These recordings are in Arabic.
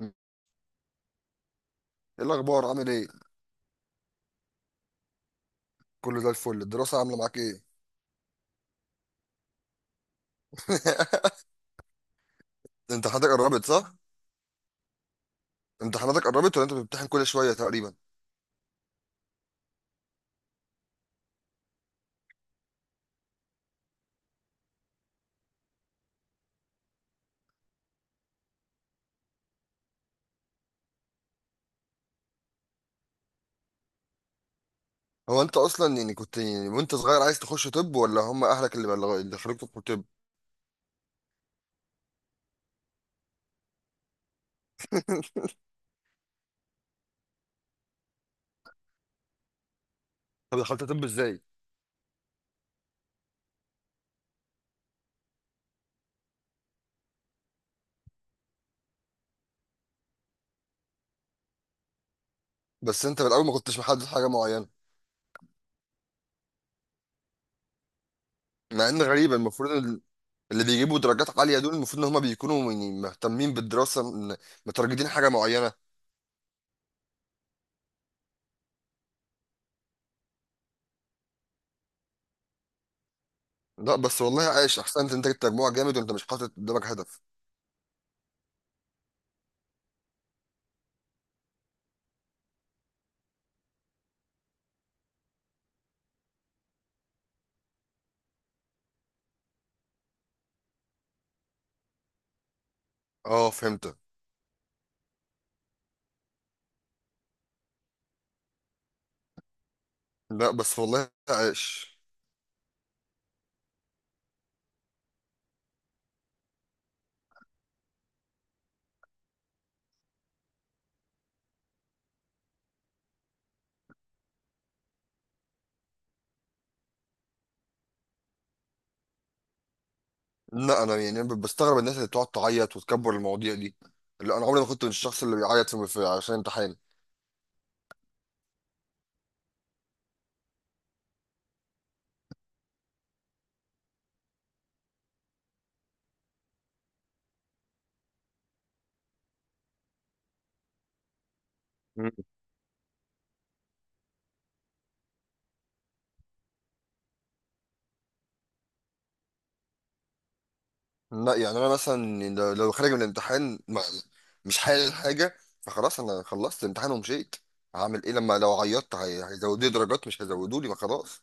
ايه؟ الاخبار؟ عامل ايه؟ كله زي الفل. الدراسه عامله معاك ايه؟ امتحاناتك قربت، صح؟ امتحاناتك قربت ولا انت بتمتحن كل شويه تقريبا؟ هو انت اصلا يعني كنت يعني وانت صغير عايز تخش طب، ولا هم اهلك اللي خلوك تدخل طب؟ طب دخلت طب ازاي؟ بس انت من الاول ما كنتش محدد حاجه معينه؟ مع ان غريبه، المفروض اللي بيجيبوا درجات عاليه دول المفروض ان هم بيكونوا يعني مهتمين بالدراسه، مترجتين حاجه معينه. لا بس والله عايش، احسنت، انت جبت مجموع جامد وانت مش حاطط قدامك هدف. اه، فهمت. لا بس والله عايش. لا انا يعني بستغرب الناس اللي بتقعد تعيط وتكبر المواضيع دي. لا انا عمري ما كنت من الشخص اللي بيعيط عشان امتحان. مم. لا يعني انا مثلا يعني لو خارج من الامتحان ما مش حالل حاجه، فخلاص انا خلصت الامتحان ومشيت. هعمل ايه لما لو عيطت؟ هيزودوا لي درجات؟ مش هيزودوا لي، ما خلاص.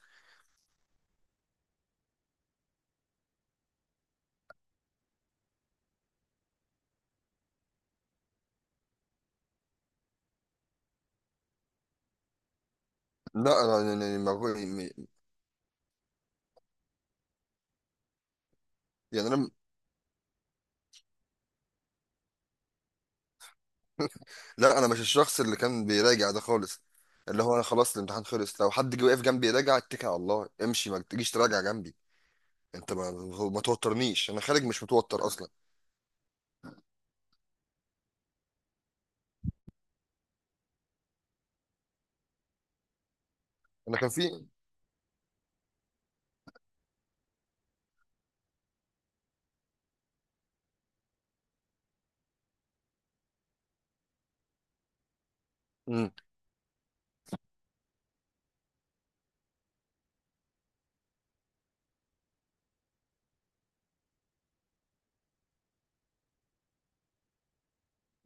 لا انا يعني ما بقول- يعني يعني انا. لا انا مش الشخص اللي كان بيراجع ده خالص، اللي هو انا خلاص، الامتحان خلص، لو حد جه واقف جنبي يراجع اتكل على الله امشي، ما تجيش تراجع جنبي. انت ما توترنيش، انا خارج مش متوتر اصلا. انا كان في. مم.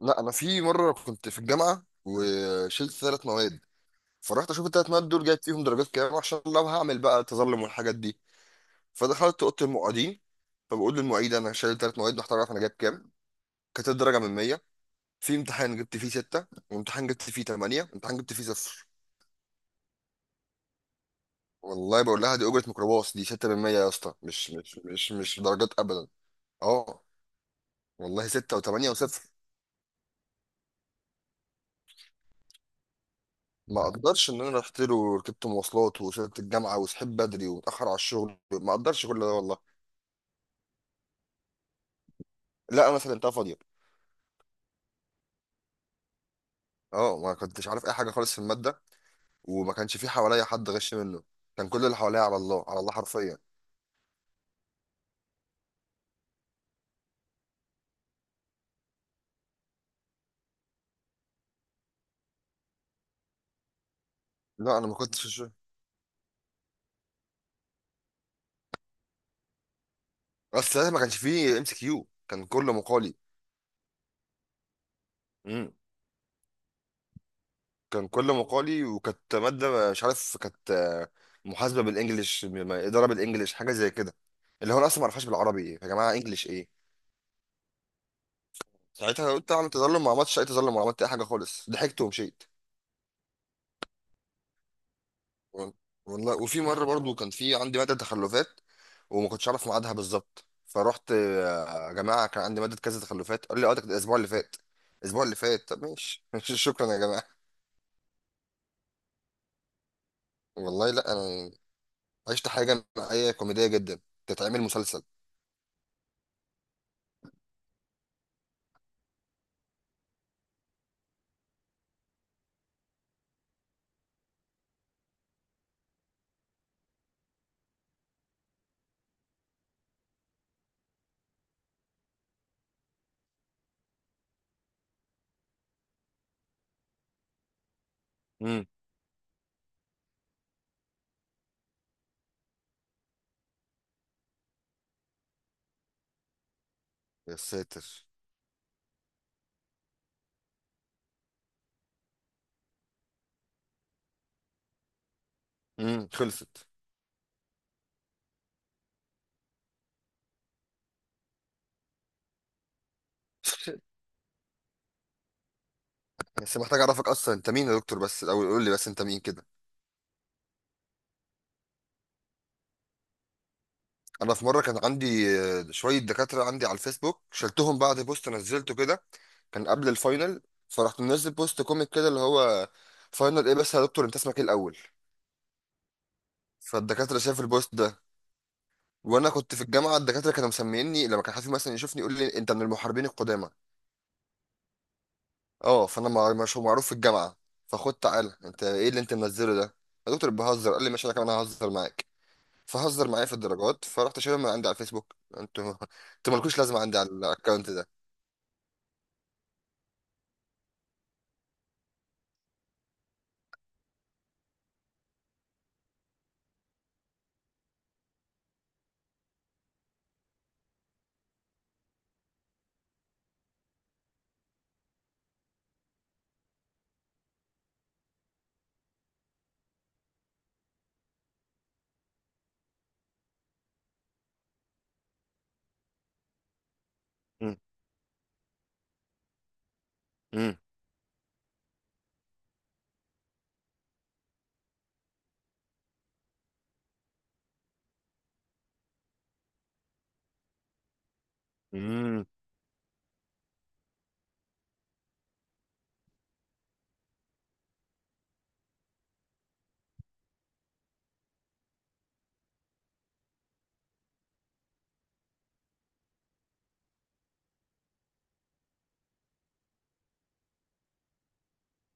لا انا في مره كنت في الجامعه وشلت ثلاث مواد، فرحت اشوف الثلاث مواد دول جايب فيهم درجات كام، عشان لو هعمل بقى تظلم والحاجات دي. فدخلت اوضه المعيدين، فبقول للمعيد: انا شايل ثلاث مواد، محتاج اعرف انا جايب كام. كانت الدرجه من 100، في امتحان جبت فيه 6، وامتحان جبت فيه 8، وامتحان جبت فيه 0. والله بقول لها: دي اجره ميكروباص، دي 6 من 100 يا اسطى، مش درجات ابدا. اه والله، 6 و8 و0. ما اقدرش ان انا رحت له وركبت مواصلات وصلت الجامعه وصحيت بدري واتاخر على الشغل، ما اقدرش كل ده والله. لا انا سلمتها فاضيه. اه، ما كنتش عارف اي حاجه خالص في الماده، وما كانش في حواليا حد غش منه، كان كل اللي حواليا على الله على الله حرفيا. لا انا ما كنتش في الشغل. بس ساعتها ما كانش فيه ام سي كيو، كان كله مقالي. امم كان كله مقالي، وكانت ماده مش عارف كانت، محاسبه بالانجلش، اداره بالانجلش، حاجه زي كده. اللي هو انا اصلا ما اعرفهاش بالعربي يا جماعه، انجلش ايه. ساعتها قلت اعمل تظلم، ما عملتش اي تظلم ولا عملت اي حاجه خالص، ضحكت ومشيت. والله وفي مره برضو كان في عندي ماده تخلفات، وما كنتش اعرف ميعادها بالظبط. فرحت يا جماعه كان عندي ماده كذا تخلفات، قال لي: اه، ده كانت الاسبوع اللي فات. الاسبوع اللي فات؟ طب ماشي، شكرا يا جماعه. والله لا انا عشت حاجه معايا كوميديه جدا، تتعمل مسلسل. امم يا ساتر. خلصت. بس محتاج اعرفك اصلا انت مين يا دكتور، بس الاول قول لي بس انت مين كده. انا في مره كان عندي شويه دكاتره عندي على الفيسبوك شلتهم بعد بوست نزلته كده. كان قبل الفاينل، فرحت منزل بوست كوميك كده اللي هو: فاينل ايه بس يا دكتور؟ انت اسمك ايه الاول؟ فالدكاتره شاف البوست ده، وانا كنت في الجامعه الدكاتره كانوا مسميني، لما كان حد مثلا يشوفني يقول لي: انت من المحاربين القدامى. اه، فانا مش معروف في الجامعه. فخد تعالى، انت ايه اللي انت منزله ده يا دكتور؟ بهزر. قال لي: ماشي انا كمان ههزر معاك، فهزر معايا في الدرجات. فرحت شايلهم من عندي على الفيسبوك، انتوا انتوا مالكوش لازمه عندي على الاكونت ده. امم امم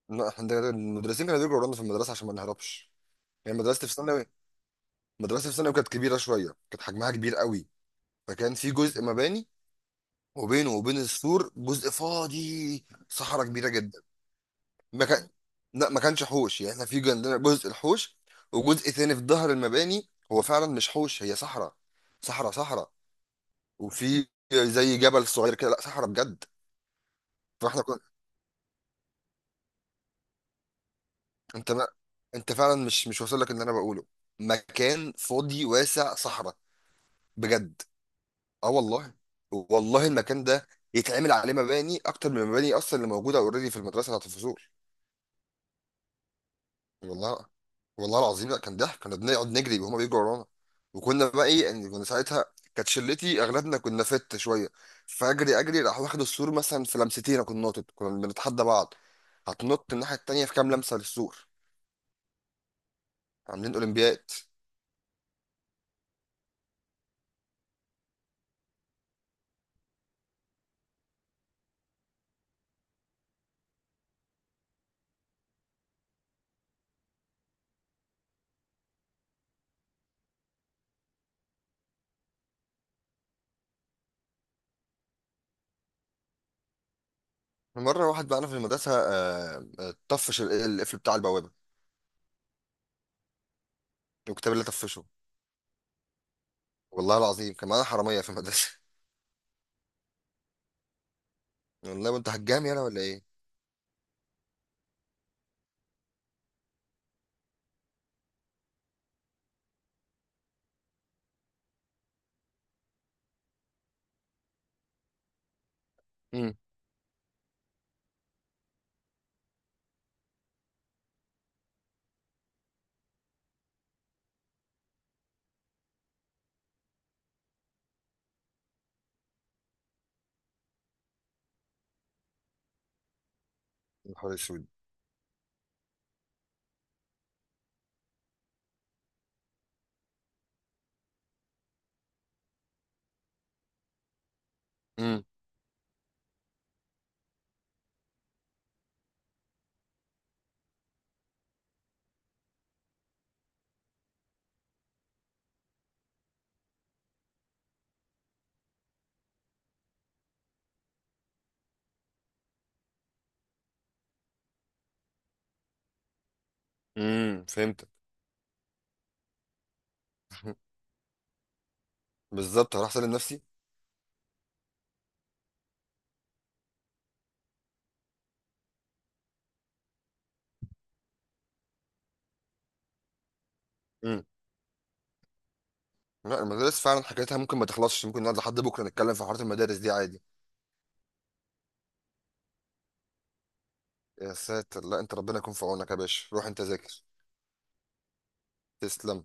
لا احنا المدرسين كانوا بيجروا ورانا في المدرسه عشان ما نهربش. يعني مدرستي في ثانوي كانت كبيره شويه، كانت حجمها كبير قوي. فكان في جزء مباني، وبينه وبين السور جزء فاضي، صحراء كبيره جدا. ما كان. لا ما كانش حوش، يعني احنا في عندنا جزء الحوش، وجزء ثاني في ظهر المباني هو فعلا مش حوش، هي صحراء. صحراء صحراء. وفي زي جبل صغير كده، لا صحراء بجد. فاحنا انت ما... انت فعلا مش واصل لك اللي انا بقوله، مكان فاضي واسع، صحراء بجد. اه والله، والله المكان ده يتعمل عليه مباني اكتر من المباني اصلا اللي موجوده اوريدي في المدرسه بتاعت الفصول. والله، والله العظيم لا كان ضحك، كنا بنقعد نجري وهما بيجروا ورانا. وكنا بقى ايه، يعني كنا ساعتها كانت شلتي اغلبنا كنا فت شويه، فاجري اجري راح واخد السور مثلا في لمستين، أنا كنت ناطط، كنا بنتحدى بعض: هتنط الناحيه التانيه في كام لمسه للسور؟ عاملين اولمبياد. مرة واحد بقى في المدرسة طفش القفل بتاع البوابة، الكتاب اللي طفشه. والله العظيم كان معانا حرامية في المدرسة. والله وانت هتجامي انا ولا ايه؟ امم يا نهار اسود. امم فهمتك. بالظبط، هروح اسلم نفسي. امم لا المدارس فعلا حكايتها ممكن ما تخلصش، ممكن نقعد لحد بكرة نتكلم في حوارات المدارس دي عادي. يا ساتر، لا انت ربنا يكون في عونك يا باشا، روح انت ذاكر. تسلم.